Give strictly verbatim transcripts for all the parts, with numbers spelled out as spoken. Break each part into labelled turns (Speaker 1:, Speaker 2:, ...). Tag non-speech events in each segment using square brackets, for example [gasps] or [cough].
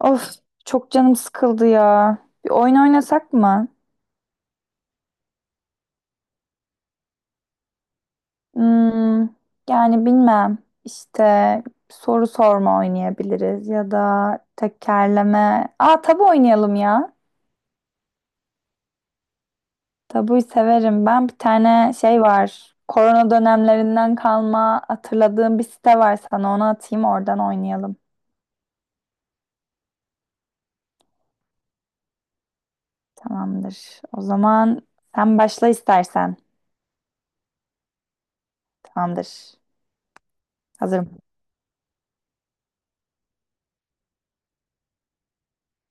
Speaker 1: Of, çok canım sıkıldı ya. Bir oyun oynasak mı? Hmm, yani bilmem. İşte soru sorma oynayabiliriz ya da tekerleme. Aa, tabu oynayalım ya. Tabuyu severim. Ben bir tane şey var. Korona dönemlerinden kalma hatırladığım bir site var sana. Onu atayım oradan oynayalım. Tamamdır. O zaman sen başla istersen. Tamamdır. Hazırım.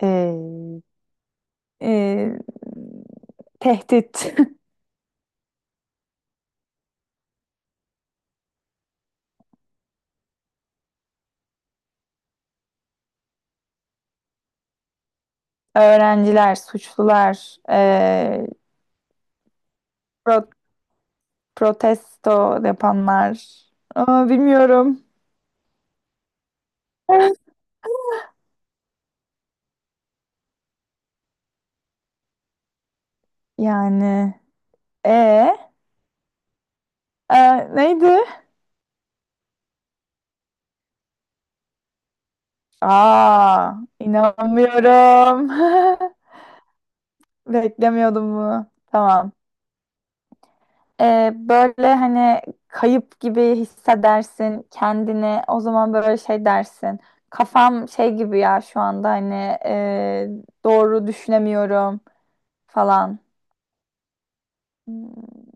Speaker 1: Ee, ee, Tehdit. [laughs] Öğrenciler, suçlular, eee, pro- protesto yapanlar. Aa, bilmiyorum. Yani. E, e, Neydi? Aa, inanmıyorum. [laughs] Beklemiyordum bunu. Tamam. E, böyle hani kayıp gibi hissedersin kendini. O zaman böyle şey dersin. Kafam şey gibi ya şu anda hani e, doğru düşünemiyorum falan. Hmm.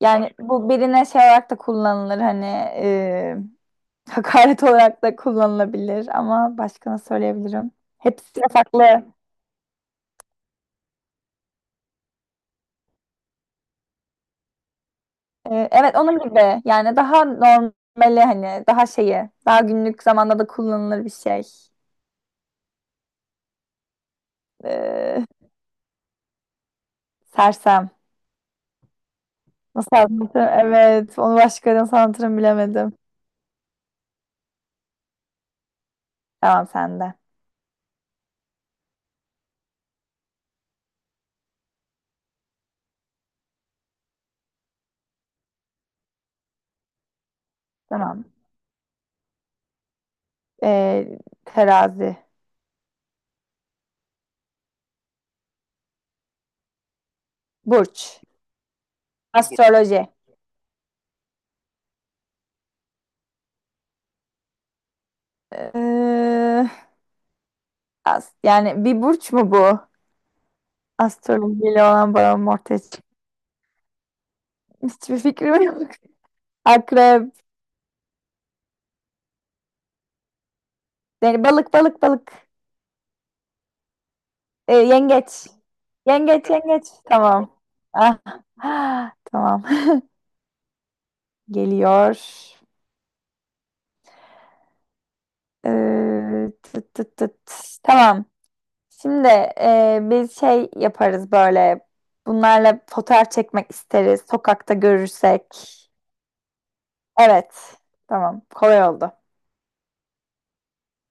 Speaker 1: Yani bu birine şey olarak da kullanılır hani e, [laughs] hakaret olarak da kullanılabilir ama başka nasıl söyleyebilirim? Hepsi farklı. E, evet onun gibi yani daha normali hani daha şeyi daha günlük zamanda da kullanılır bir şey. E, sersem. Nasıl anlatırım? Evet onu başka nasıl anlatırım bilemedim. Tamam sende. Tamam. E, terazi. Burç. Astroloji. E, as- yani bir burç mu bu? Astrolojiyle olan bağım ortaya çıktı. Hiçbir fikrim yok. Akrep. Yani balık balık balık. Ee, yengeç. Yengeç yengeç. Tamam. Ah. [gasps] Ah, tamam. [laughs] Geliyor. Ee, tıt tıt tıt. Tamam. Şimdi e, biz şey yaparız böyle. Bunlarla fotoğraf çekmek isteriz. Sokakta görürsek. Evet. Tamam. Kolay oldu.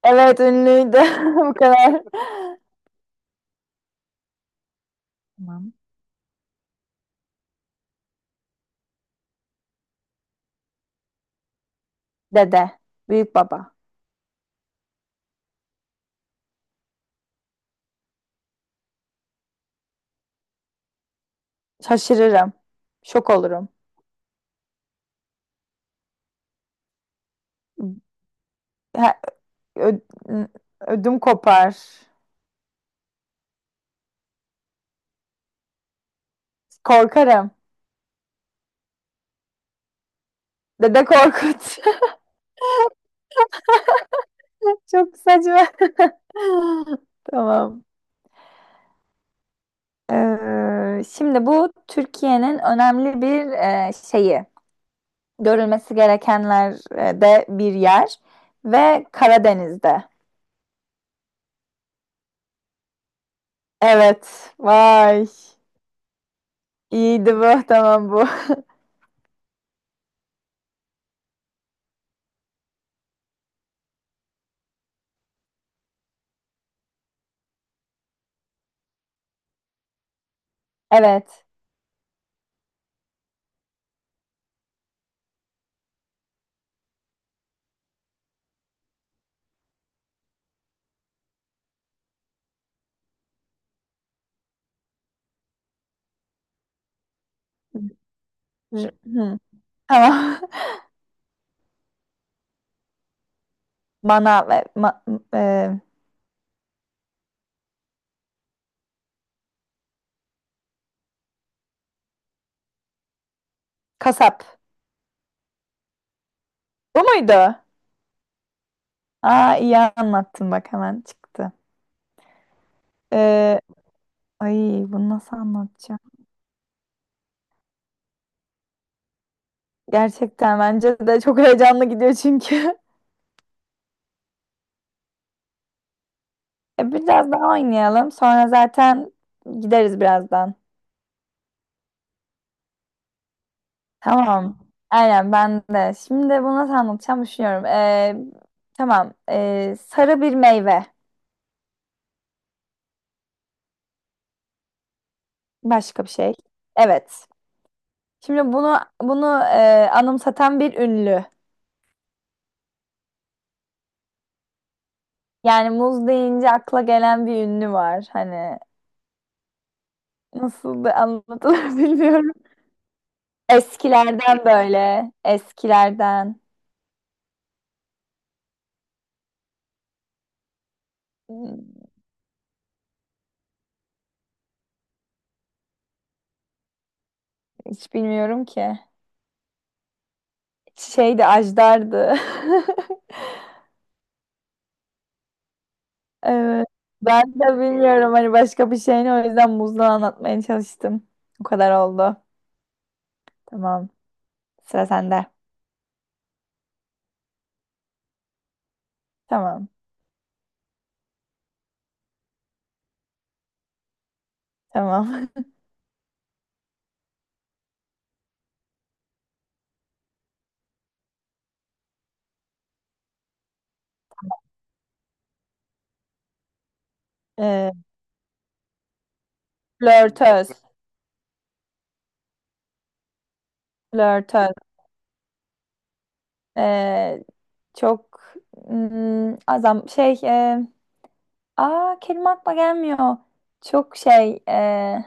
Speaker 1: Evet, ünlüydü. [laughs] Bu kadar. Tamam. Dede. Büyük baba. Şaşırırım. Şok olurum. Ha, ö- ödüm kopar. Korkarım. Dede Korkut. [laughs] Çok saçma. [laughs] Tamam. Ee, şimdi bu Türkiye'nin önemli bir e, şeyi. Görülmesi gerekenlerde bir yer ve Karadeniz'de. Evet. Vay. İyiydi bu. Tamam bu. [laughs] Evet. Hı, tamam. [laughs] Manav, e, ma- e, kasap. Bu muydu? Aa, iyi anlattın bak hemen çıktı. Ee, ay, bunu nasıl anlatacağım? Gerçekten bence de çok heyecanlı gidiyor çünkü. [laughs] E, biraz daha oynayalım. Sonra zaten gideriz birazdan. Tamam. Aynen ben de. Şimdi bunu nasıl anlatacağım düşünüyorum. Ee, tamam. Ee, sarı bir meyve. Başka bir şey. Evet. Şimdi bunu bunu e, anımsatan bir ünlü. Yani muz deyince akla gelen bir ünlü var. Hani nasıl da anlatılır [laughs] bilmiyorum. Eskilerden böyle. Eskilerden. Hmm. Hiç bilmiyorum ki. Şeydi, Ajdar'dı. [laughs] Evet. Ben de bilmiyorum hani başka bir şeyini, o yüzden muzla anlatmaya çalıştım. O kadar oldu. Tamam. Sıra sende. Tamam. Tamam. [laughs] Ee, flörtöz. Flörtöz. Ee, çok hmm, azam şey e, Aa, kelime aklıma gelmiyor. Çok şey e,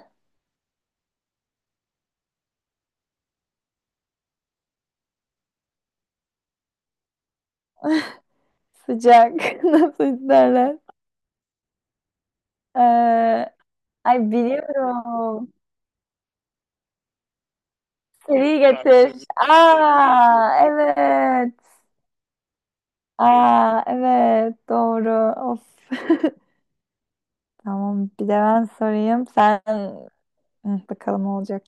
Speaker 1: sıcak. [laughs] Nasıl isterler? Ee, Ay, biliyorum. Seri getir. Akşam. Aa, evet. Aa, evet doğru. Of. [laughs] Tamam, bir de ben sorayım. Sen. Hı, bakalım olacak.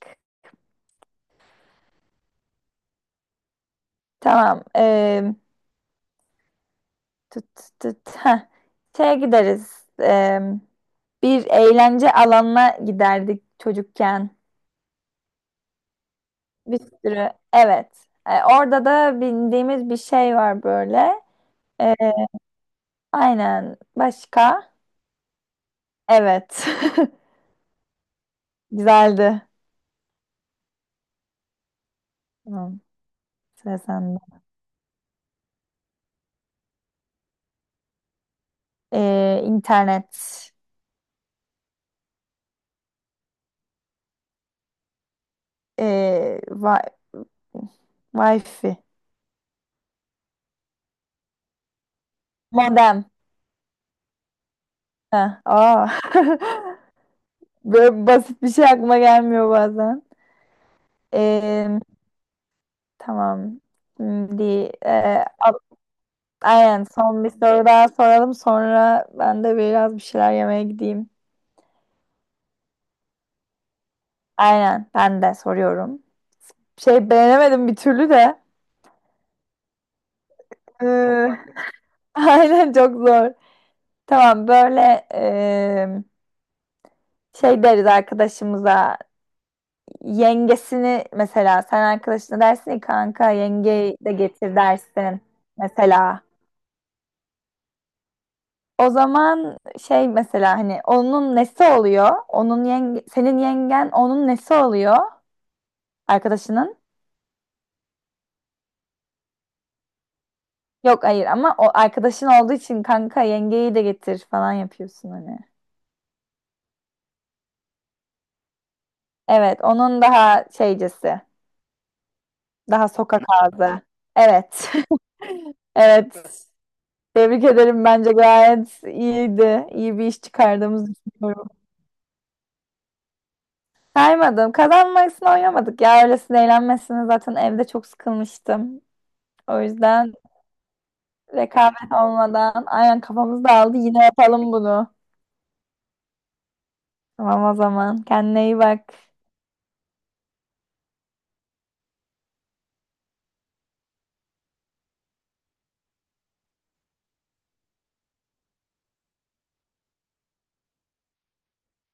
Speaker 1: Tamam. Ee, tut tut tut. Heh. Şeye gideriz. Ee, bir eğlence alanına giderdik çocukken. Bir sürü. Evet. Ee, orada da bindiğimiz bir şey var böyle. Aynen. Başka? Evet. [laughs] Güzeldi. Tamam. Sıra sende. Ee, internet. Ee, wi Wi-Fi. Modem. Ha, aa. [laughs] Böyle basit bir şey aklıma gelmiyor bazen. Ee, tamam. Şimdi ee, a- aynen son bir soru daha soralım. Sonra ben de biraz bir şeyler yemeye gideyim. Aynen. Ben de soruyorum. Şey beğenemedim bir türlü de. Aynen çok zor. Tamam, böyle eee, şey deriz arkadaşımıza, yengesini mesela sen arkadaşına dersin ya, kanka yengeyi de getir dersin mesela. O zaman şey mesela hani onun nesi oluyor? Onun yenge, senin yengen onun nesi oluyor arkadaşının? Yok hayır ama o arkadaşın olduğu için kanka yengeyi de getir falan yapıyorsun hani. Evet, onun daha şeycesi. Daha sokak ağzı. Evet. [laughs] Evet. Tebrik ederim. Bence gayet iyiydi. İyi bir iş çıkardığımızı düşünüyorum. Saymadım. Kazanmasını oynamadık ya. Öylesine eğlenmesine zaten evde çok sıkılmıştım. O yüzden rekabet olmadan aynen kafamız dağıldı. Yine yapalım bunu. Tamam o zaman. Kendine iyi bak.